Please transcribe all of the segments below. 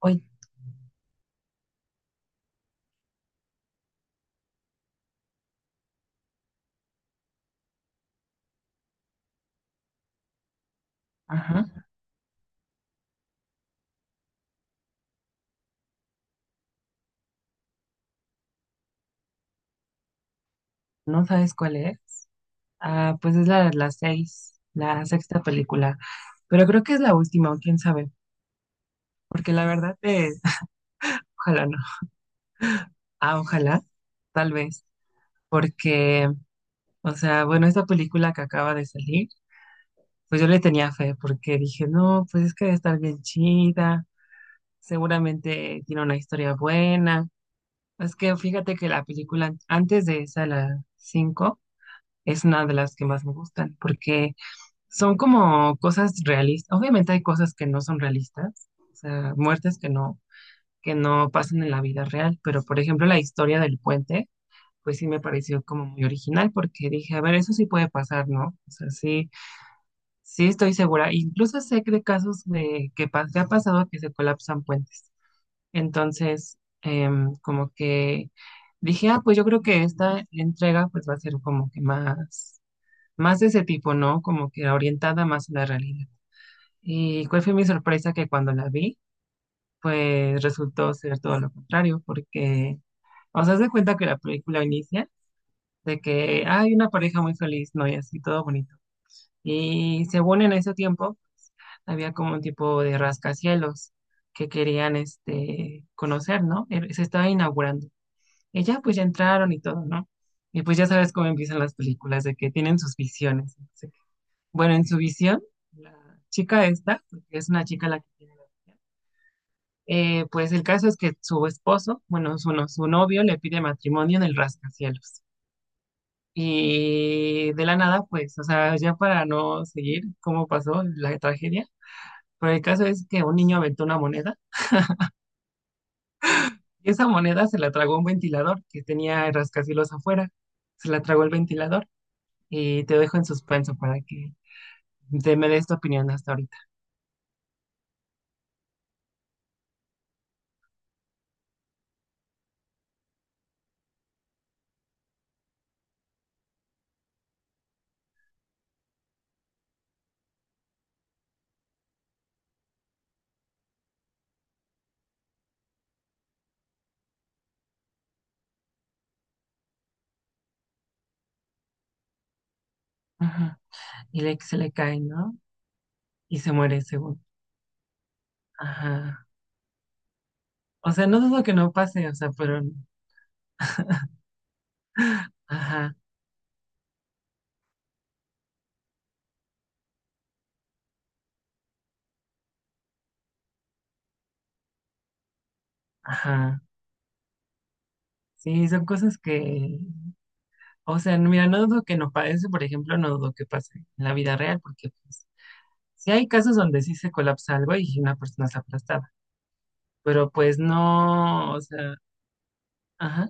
Hoy, ajá, ¿no sabes cuál es? Ah, pues es la seis, la sexta película, pero creo que es la última, o quién sabe, porque la verdad es, ojalá no, ah, ojalá, tal vez, porque, o sea, bueno, esta película que acaba de salir, pues yo le tenía fe, porque dije, no, pues es que debe estar bien chida, seguramente tiene una historia buena, es que fíjate que la película antes de esa, la cinco, es una de las que más me gustan, porque son como cosas realistas. Obviamente hay cosas que no son realistas, o sea, muertes que no pasan en la vida real, pero por ejemplo la historia del puente, pues sí me pareció como muy original porque dije, a ver, eso sí puede pasar, ¿no? O sea, sí, sí estoy segura. Incluso sé que de casos de que, que ha pasado que se colapsan puentes. Entonces, como que dije, ah, pues yo creo que esta entrega pues va a ser como que más, más de ese tipo, ¿no? Como que orientada más a la realidad. Y cuál fue mi sorpresa que cuando la vi, pues resultó ser todo lo contrario, porque, o sea, haz cuenta que la película inicia de que hay una pareja muy feliz, ¿no? Y así todo bonito. Y según en ese tiempo, había como un tipo de rascacielos que querían, este, conocer, ¿no? Se estaba inaugurando. Y ya, pues ya entraron y todo, ¿no? Y pues ya sabes cómo empiezan las películas, de que tienen sus visiones. No sé qué. Bueno, en su visión, la chica esta, porque es una chica la que tiene. Pues el caso es que su esposo, bueno, su, su novio le pide matrimonio en el rascacielos. Y de la nada, pues, o sea, ya para no seguir cómo pasó la tragedia, pero el caso es que un niño aventó una moneda y esa moneda se la tragó un ventilador que tenía el rascacielos afuera. Se la tragó el ventilador y te dejo en suspenso para que te me des tu opinión hasta ahorita. Ajá. Y le, se le cae, ¿no? Y se muere según. Ajá. O sea, no dudo que no pase, o sea, pero... Ajá. Ajá. Sí, son cosas que, o sea, mira, no dudo que no pase, por ejemplo, no dudo que pase en la vida real, porque pues sí hay casos donde sí se colapsa algo y una persona es aplastada, pero pues no, o sea, ajá,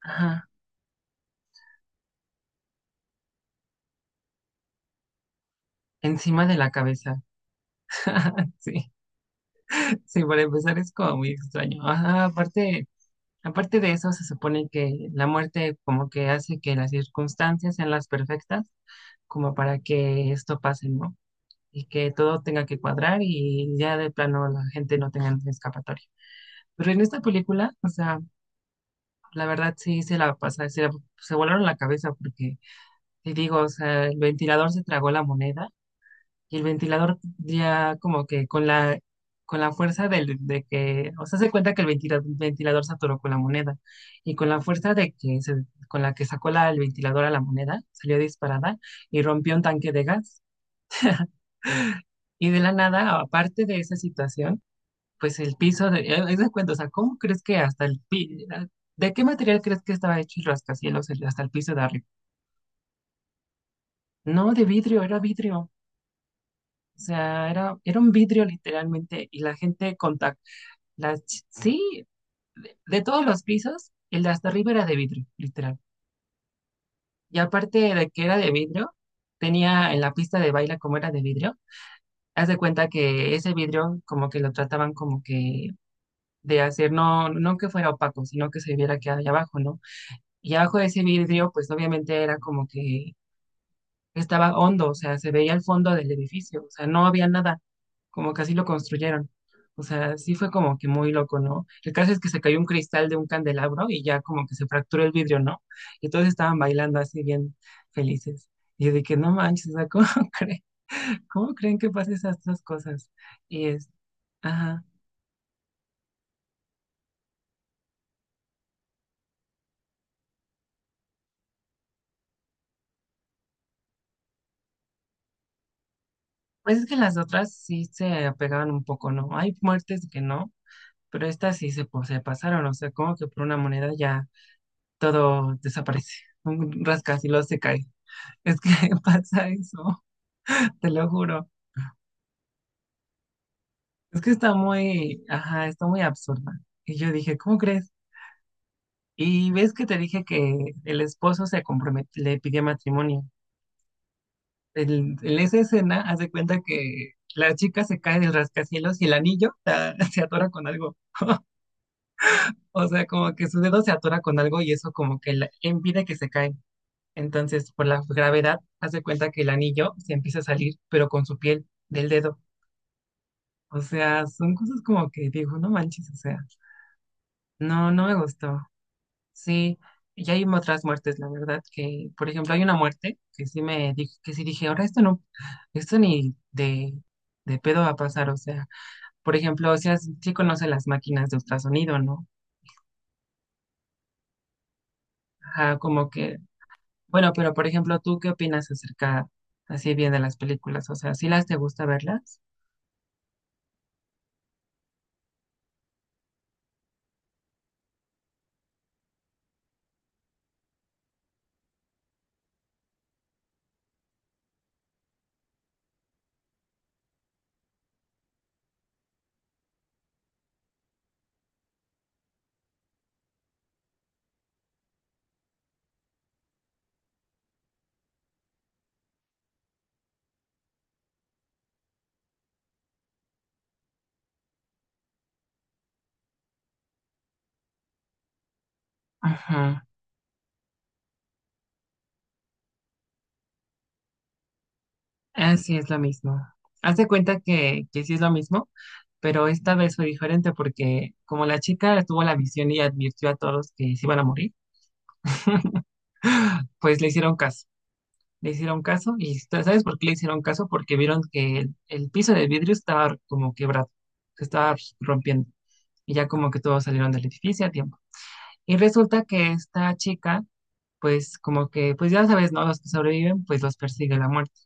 ajá, encima de la cabeza. Sí, sí, para empezar es como muy extraño. Ajá, aparte, aparte de eso, se supone que la muerte como que hace que las circunstancias sean las perfectas, como para que esto pase, ¿no? Y que todo tenga que cuadrar y ya de plano la gente no tenga escapatoria. Pero en esta película, o sea, la verdad sí se la pasa, se volaron la cabeza porque, te digo, o sea, el ventilador se tragó la moneda y el ventilador ya como que con la fuerza del, de que, o sea, se cuenta que el ventilador se atoró con la moneda y con la fuerza de que con la que sacó la, el ventilador a la moneda, salió disparada y rompió un tanque de gas. Y de la nada, aparte de esa situación, pues el piso, de, haz de cuenta, o sea, ¿cómo crees que hasta el ¿de qué material crees que estaba hecho el rascacielos hasta el piso de arriba? No, de vidrio, era vidrio. O sea, era, era un vidrio literalmente y la gente contacta. Las, sí, de todos los pisos, el de hasta arriba era de vidrio, literal. Y aparte de que era de vidrio, tenía en la pista de baile como era de vidrio, haz de cuenta que ese vidrio como que lo trataban como que de hacer, no, no que fuera opaco, sino que se viera que hay abajo, ¿no? Y abajo de ese vidrio, pues obviamente era como que estaba hondo, o sea, se veía el fondo del edificio, o sea, no había nada, como que así lo construyeron. O sea, sí fue como que muy loco, ¿no? El caso es que se cayó un cristal de un candelabro y ya como que se fracturó el vidrio, ¿no? Y todos estaban bailando así bien felices. Y yo dije, no manches, o sea, ¿cómo creen, cómo creen que pasen esas dos cosas? Y es, ajá. Pues es que las otras sí se apegaban un poco, ¿no? Hay muertes que no, pero estas sí se pasaron, o sea, como que por una moneda ya todo desaparece. Un rascacielos se cae. Es que pasa eso, te lo juro. Es que está muy, ajá, está muy absurda. Y yo dije, ¿cómo crees? Y ves que te dije que el esposo se comprometió, le pidió matrimonio. El, en esa escena, haz de cuenta que la chica se cae del rascacielos y el anillo ah, se atora con algo. O sea, como que su dedo se atora con algo y eso como que la, impide que se cae. Entonces, por la gravedad, haz de cuenta que el anillo se empieza a salir, pero con su piel del dedo. O sea, son cosas como que digo, no manches, o sea, no, no me gustó. Sí, y hay otras muertes, la verdad, que, por ejemplo, hay una muerte que sí me dije, que sí dije, ahora esto no, esto ni de, de pedo va a pasar, o sea, por ejemplo, o sea, sí conoce las máquinas de ultrasonido, ¿no? Ajá, como que, bueno, pero por ejemplo, ¿tú qué opinas acerca así bien de las películas? O sea, ¿sí las te gusta verlas? Ajá, así es lo mismo. Haz de cuenta que sí es lo mismo, pero esta vez fue diferente porque como la chica tuvo la visión y advirtió a todos que se iban a morir, pues le hicieron caso. Le hicieron caso y ¿sabes por qué le hicieron caso? Porque vieron que el piso de vidrio estaba como quebrado, se estaba rompiendo y ya como que todos salieron del edificio a tiempo. Y resulta que esta chica, pues como que, pues ya sabes, ¿no? Los que sobreviven, pues los persigue la muerte.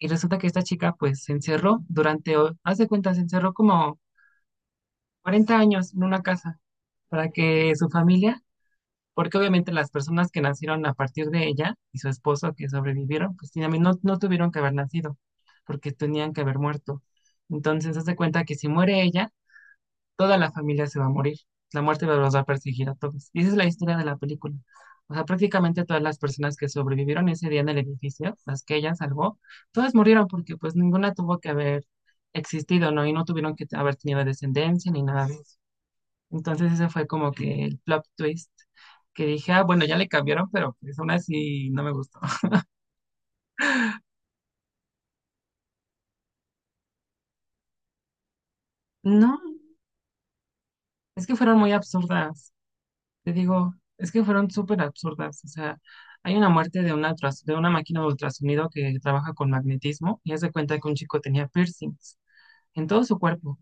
Y resulta que esta chica pues se encerró durante, haz de cuenta, se encerró como 40 años en una casa para que su familia, porque obviamente las personas que nacieron a partir de ella y su esposo que sobrevivieron, pues también no, no tuvieron que haber nacido, porque tenían que haber muerto. Entonces, haz de cuenta que si muere ella, toda la familia se va a morir. La muerte los va a perseguir a todos. Y esa es la historia de la película. O sea, prácticamente todas las personas que sobrevivieron ese día en el edificio, las que ella salvó, todas murieron porque pues ninguna tuvo que haber existido, ¿no? Y no tuvieron que haber tenido descendencia ni nada de eso. Entonces ese fue como que el plot twist que dije, ah, bueno, ya le cambiaron, pero pues aún así no me gustó. No, es que fueron muy absurdas. Te digo, es que fueron súper absurdas. O sea, hay una muerte de una, de una máquina de ultrasonido que trabaja con magnetismo y hace cuenta que un chico tenía piercings en todo su cuerpo.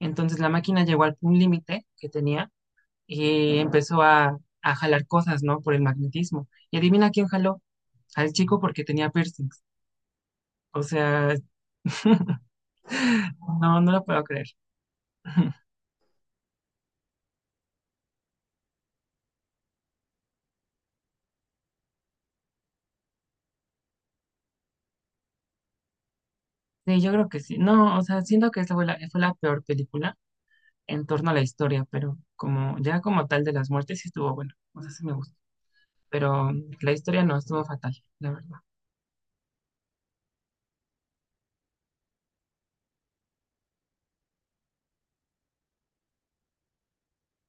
Entonces la máquina llegó al un límite que tenía y empezó a jalar cosas, ¿no? Por el magnetismo. Y adivina quién jaló al chico porque tenía piercings. O sea, no, no lo puedo creer. Sí, yo creo que sí. No, o sea, siento que esa fue la peor película en torno a la historia, pero como ya como tal de las muertes sí estuvo bueno, o sea, sí me gustó, pero la historia no estuvo fatal, la verdad.